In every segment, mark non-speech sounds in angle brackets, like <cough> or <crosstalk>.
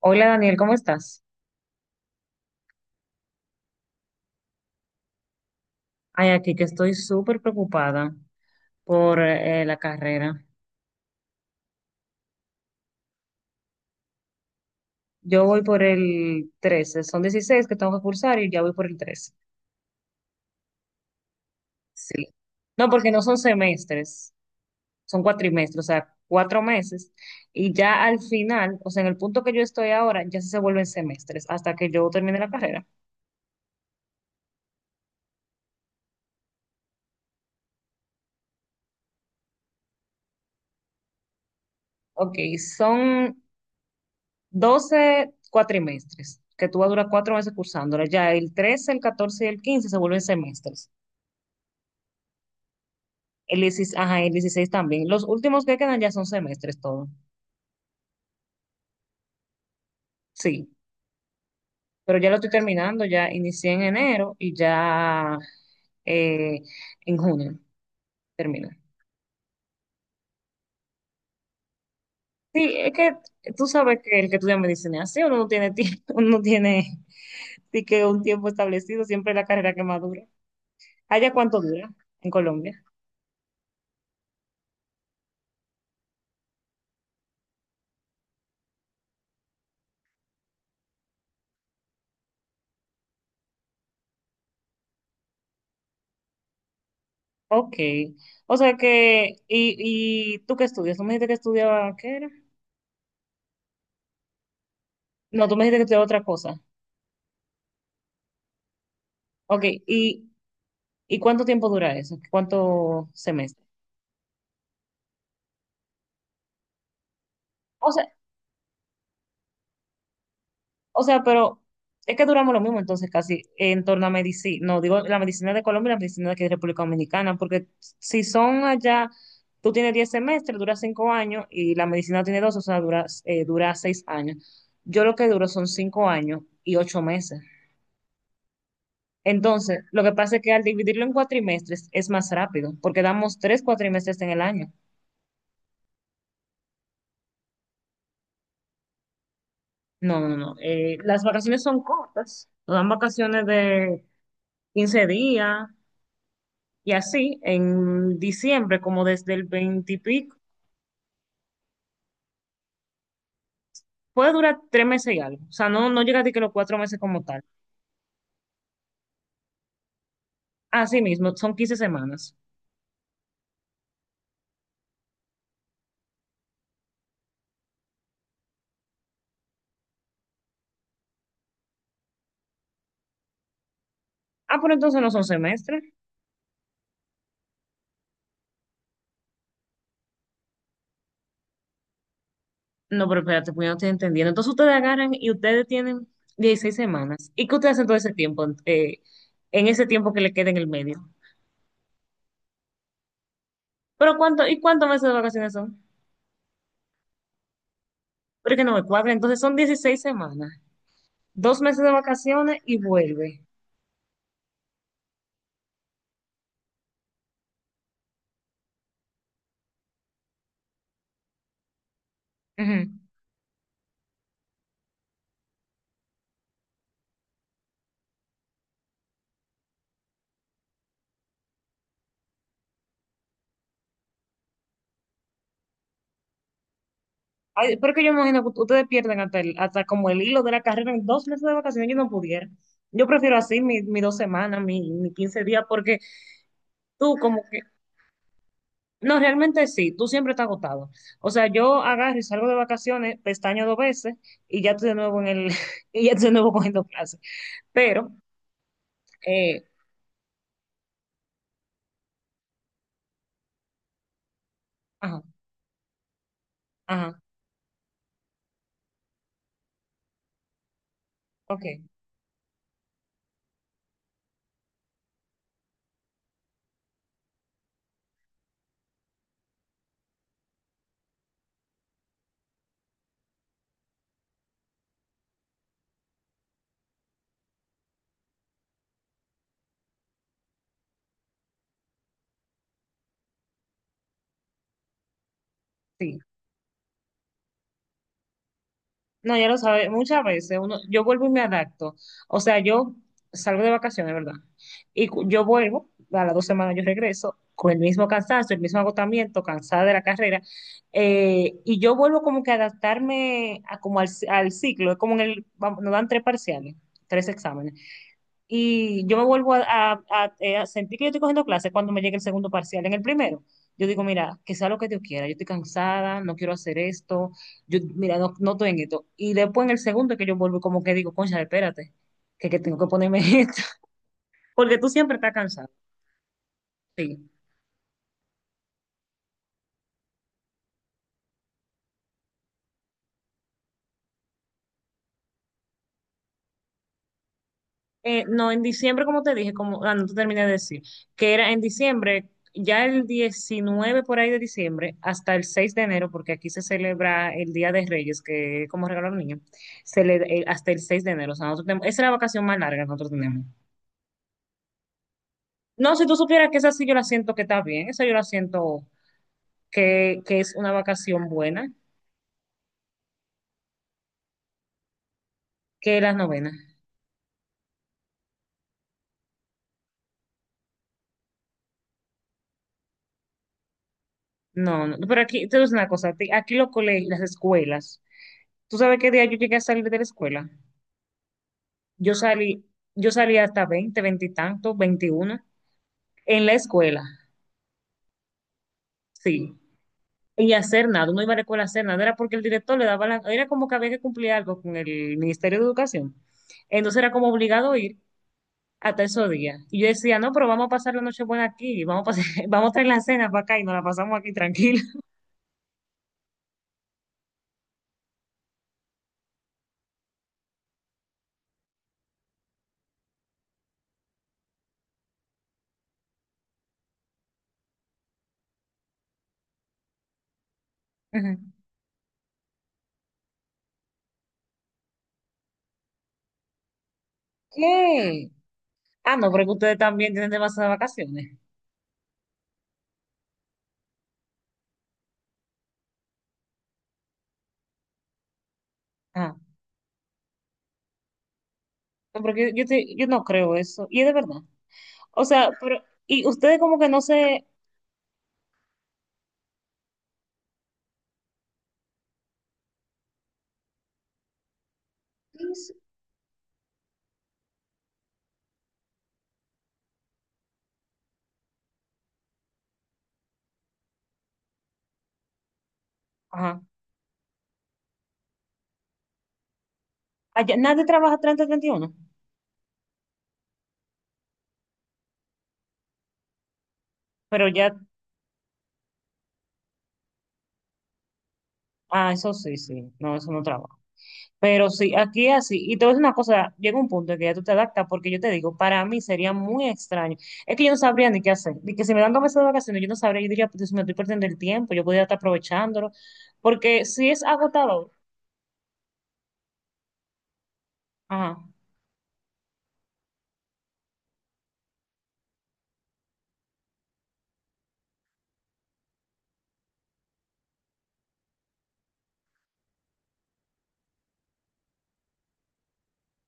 Hola, Daniel, ¿cómo estás? Ay, aquí que estoy súper preocupada por la carrera. Yo voy por el 13, son 16 que tengo que cursar y ya voy por el 13. Sí. No, porque no son semestres, son cuatrimestres, o sea, cuatro meses. Y ya al final, o sea, en el punto que yo estoy ahora, ya sí se vuelven semestres hasta que yo termine la carrera. Ok, son 12 cuatrimestres, que tú vas a durar cuatro meses cursándola. Ya el 13, el 14, y el 15 se vuelven semestres. El 16, ajá, el 16 también. Los últimos que quedan ya son semestres todo. Sí, pero ya lo estoy terminando, ya inicié en enero y ya eh, en junio termino. Sí, es que tú sabes que el que estudia medicina, sí, uno no tiene tiempo, <laughs> uno no tiene sí que un tiempo establecido, siempre es la carrera que más dura. ¿Allá cuánto dura en Colombia? Ok. O sea que, y tú qué estudias? ¿Tú me dijiste que estudiaba qué era? No, tú me dijiste que estudiaba otra cosa. Ok, ¿y ¿y cuánto tiempo dura eso? ¿Cuántos semestres? O sea, o sea, pero es que duramos lo mismo entonces casi en torno a medicina, no digo la medicina de Colombia y la medicina de aquí de República Dominicana, porque si son allá, tú tienes 10 semestres, dura 5 años y la medicina tiene 2, o sea, dura, dura 6 años. Yo lo que duro son 5 años y 8 meses. Entonces, lo que pasa es que al dividirlo en cuatrimestres es más rápido, porque damos 3 cuatrimestres en el año. No, no, no. No, las vacaciones son cortas. Nos dan vacaciones de 15 días y así en diciembre, como desde el 20 y pico, puede durar tres meses y algo. O sea, no, no llega a ti que los cuatro meses como tal. Así mismo, son 15 semanas. Ah, pero entonces no son semestres. No, pero espérate, pues yo no estoy entendiendo. Entonces ustedes agarran y ustedes tienen 16 semanas. ¿Y qué ustedes hacen todo ese tiempo? En ese tiempo que le queda en el medio. Pero cuánto, ¿y cuántos meses de vacaciones son? Pero es que no me cuadra. Entonces son 16 semanas. Dos meses de vacaciones y vuelve. Ujú. Ay, pero que yo me imagino que ustedes pierden hasta, hasta como el hilo de la carrera en 2 meses de vacaciones, yo no pudiera. Yo prefiero así mi 2 semanas, mi 15 días, porque tú como que, no, realmente sí, tú siempre estás agotado. O sea, yo agarro y salgo de vacaciones, pestaño 2 veces y ya estoy de nuevo en el, <laughs> y ya estoy de nuevo cogiendo clases. Pero, eh, ajá, ajá, ok, sí. No, ya lo sabe, muchas veces uno, yo vuelvo y me adapto. O sea, yo salgo de vacaciones, ¿verdad? Y yo vuelvo, a las 2 semanas yo regreso con el mismo cansancio, el mismo agotamiento, cansada de la carrera, y yo vuelvo como que a adaptarme a, como al, al ciclo, es como en el, vamos, nos dan tres parciales, tres exámenes. Y yo me vuelvo a, a sentir que yo estoy cogiendo clases cuando me llegue el segundo parcial. En el primero, yo digo, mira, que sea lo que Dios quiera, yo estoy cansada, no quiero hacer esto, yo, mira, no, no estoy en esto. Y después en el segundo que yo vuelvo, como que digo, concha, espérate, que tengo que ponerme <laughs> esto, porque tú siempre estás cansado. Sí. No, en diciembre, como te dije, como, ah, no te terminé de decir, que era en diciembre, ya el 19 por ahí de diciembre, hasta el 6 de enero, porque aquí se celebra el Día de Reyes, que es como regalo a los niños, se le, hasta el 6 de enero. O sea, nosotros tenemos, esa es la vacación más larga que nosotros tenemos. No, si tú supieras que esa sí yo la siento que está bien, esa yo la siento que es una vacación buena, que las novenas. No, no, pero aquí, te digo una cosa, aquí los colegios, las escuelas, ¿tú sabes qué día yo llegué a salir de la escuela? Yo salí, yo salí hasta 20 20 y tanto, 21, en la escuela, sí. Y hacer nada, uno iba a la escuela a hacer nada, era porque el director le daba la, era como que había que cumplir algo con el Ministerio de Educación. Entonces era como obligado a ir hasta esos días. Y yo decía, no, pero vamos a pasar la noche buena aquí, vamos a, pasar, <laughs> vamos a traer la cena para acá y nos la pasamos aquí tranquila. Ajá. <laughs> ¿Qué? Ah, no, porque ustedes también tienen demasiadas vacaciones. Ah, no, porque yo, yo no creo eso. Y es de verdad. O sea, pero, y ustedes como que no se, ajá. Allá, nadie trabaja 30 31 pero ya, ah, eso sí, sí, no, eso no trabaja. Pero sí, aquí así, y te voy a decir una cosa, llega un punto en que ya tú te adaptas, porque yo te digo, para mí sería muy extraño, es que yo no sabría ni qué hacer, ni que si me dan 2 meses de vacaciones, yo no sabría, yo diría, pues me estoy perdiendo el tiempo, yo podría estar aprovechándolo, porque si es agotador, ajá.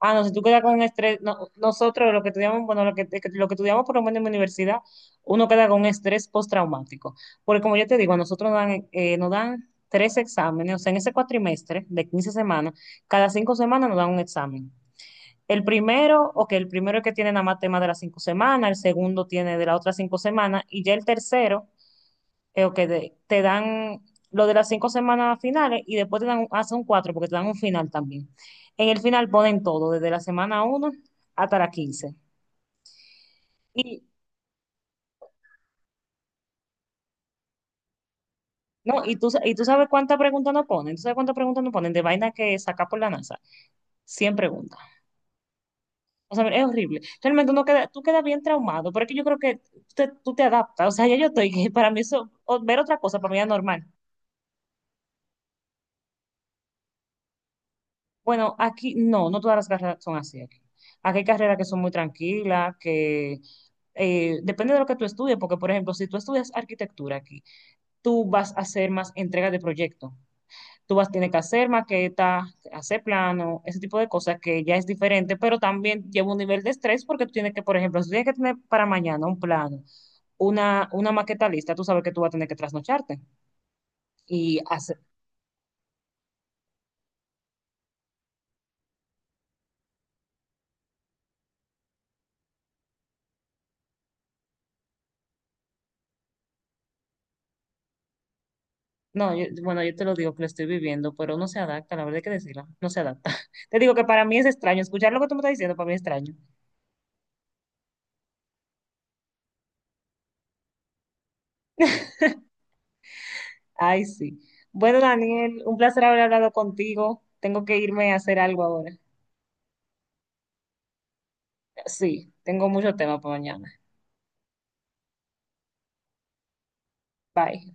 Ah, no, si tú quedas con un estrés, no, nosotros lo que estudiamos, bueno, lo que estudiamos por lo menos en mi universidad, uno queda con un estrés postraumático. Porque como yo te digo, a nosotros nos dan tres exámenes, o sea, en ese cuatrimestre de 15 semanas, cada 5 semanas nos dan un examen. El primero, o que el primero es que tiene nada más tema de las 5 semanas, el segundo tiene de las otras 5 semanas, y ya el tercero ok, te dan lo de las 5 semanas finales y después te dan, hacen un cuatro porque te dan un final también. En el final ponen todo, desde la semana uno hasta la 15. Y, no, y tú, y tú sabes cuántas preguntas no ponen, tú sabes cuántas preguntas no ponen de vaina que saca por la NASA. 100 preguntas. O sea, es horrible. Realmente uno queda, tú quedas bien traumado, pero es que yo creo que tú te adaptas. O sea, ya yo estoy, <laughs> para mí eso, ver otra cosa, para mí es normal. Bueno, aquí no, no todas las carreras son así aquí. Aquí hay carreras que son muy tranquilas, que depende de lo que tú estudies, porque por ejemplo, si tú estudias arquitectura aquí, tú vas a hacer más entregas de proyecto. Tú vas a tener que hacer maqueta, hacer plano, ese tipo de cosas que ya es diferente, pero también lleva un nivel de estrés porque tú tienes que, por ejemplo, si tienes que tener para mañana un plano, una maqueta lista, tú sabes que tú vas a tener que trasnocharte y no, bueno, yo te lo digo que lo estoy viviendo, pero no se adapta, la verdad hay que decirlo, no se adapta. <laughs> Te digo que para mí es extraño, escuchar lo que tú me estás diciendo para mí es extraño. Ay, sí. Bueno, Daniel, un placer haber hablado contigo. Tengo que irme a hacer algo ahora. Sí, tengo mucho tema para mañana. Bye.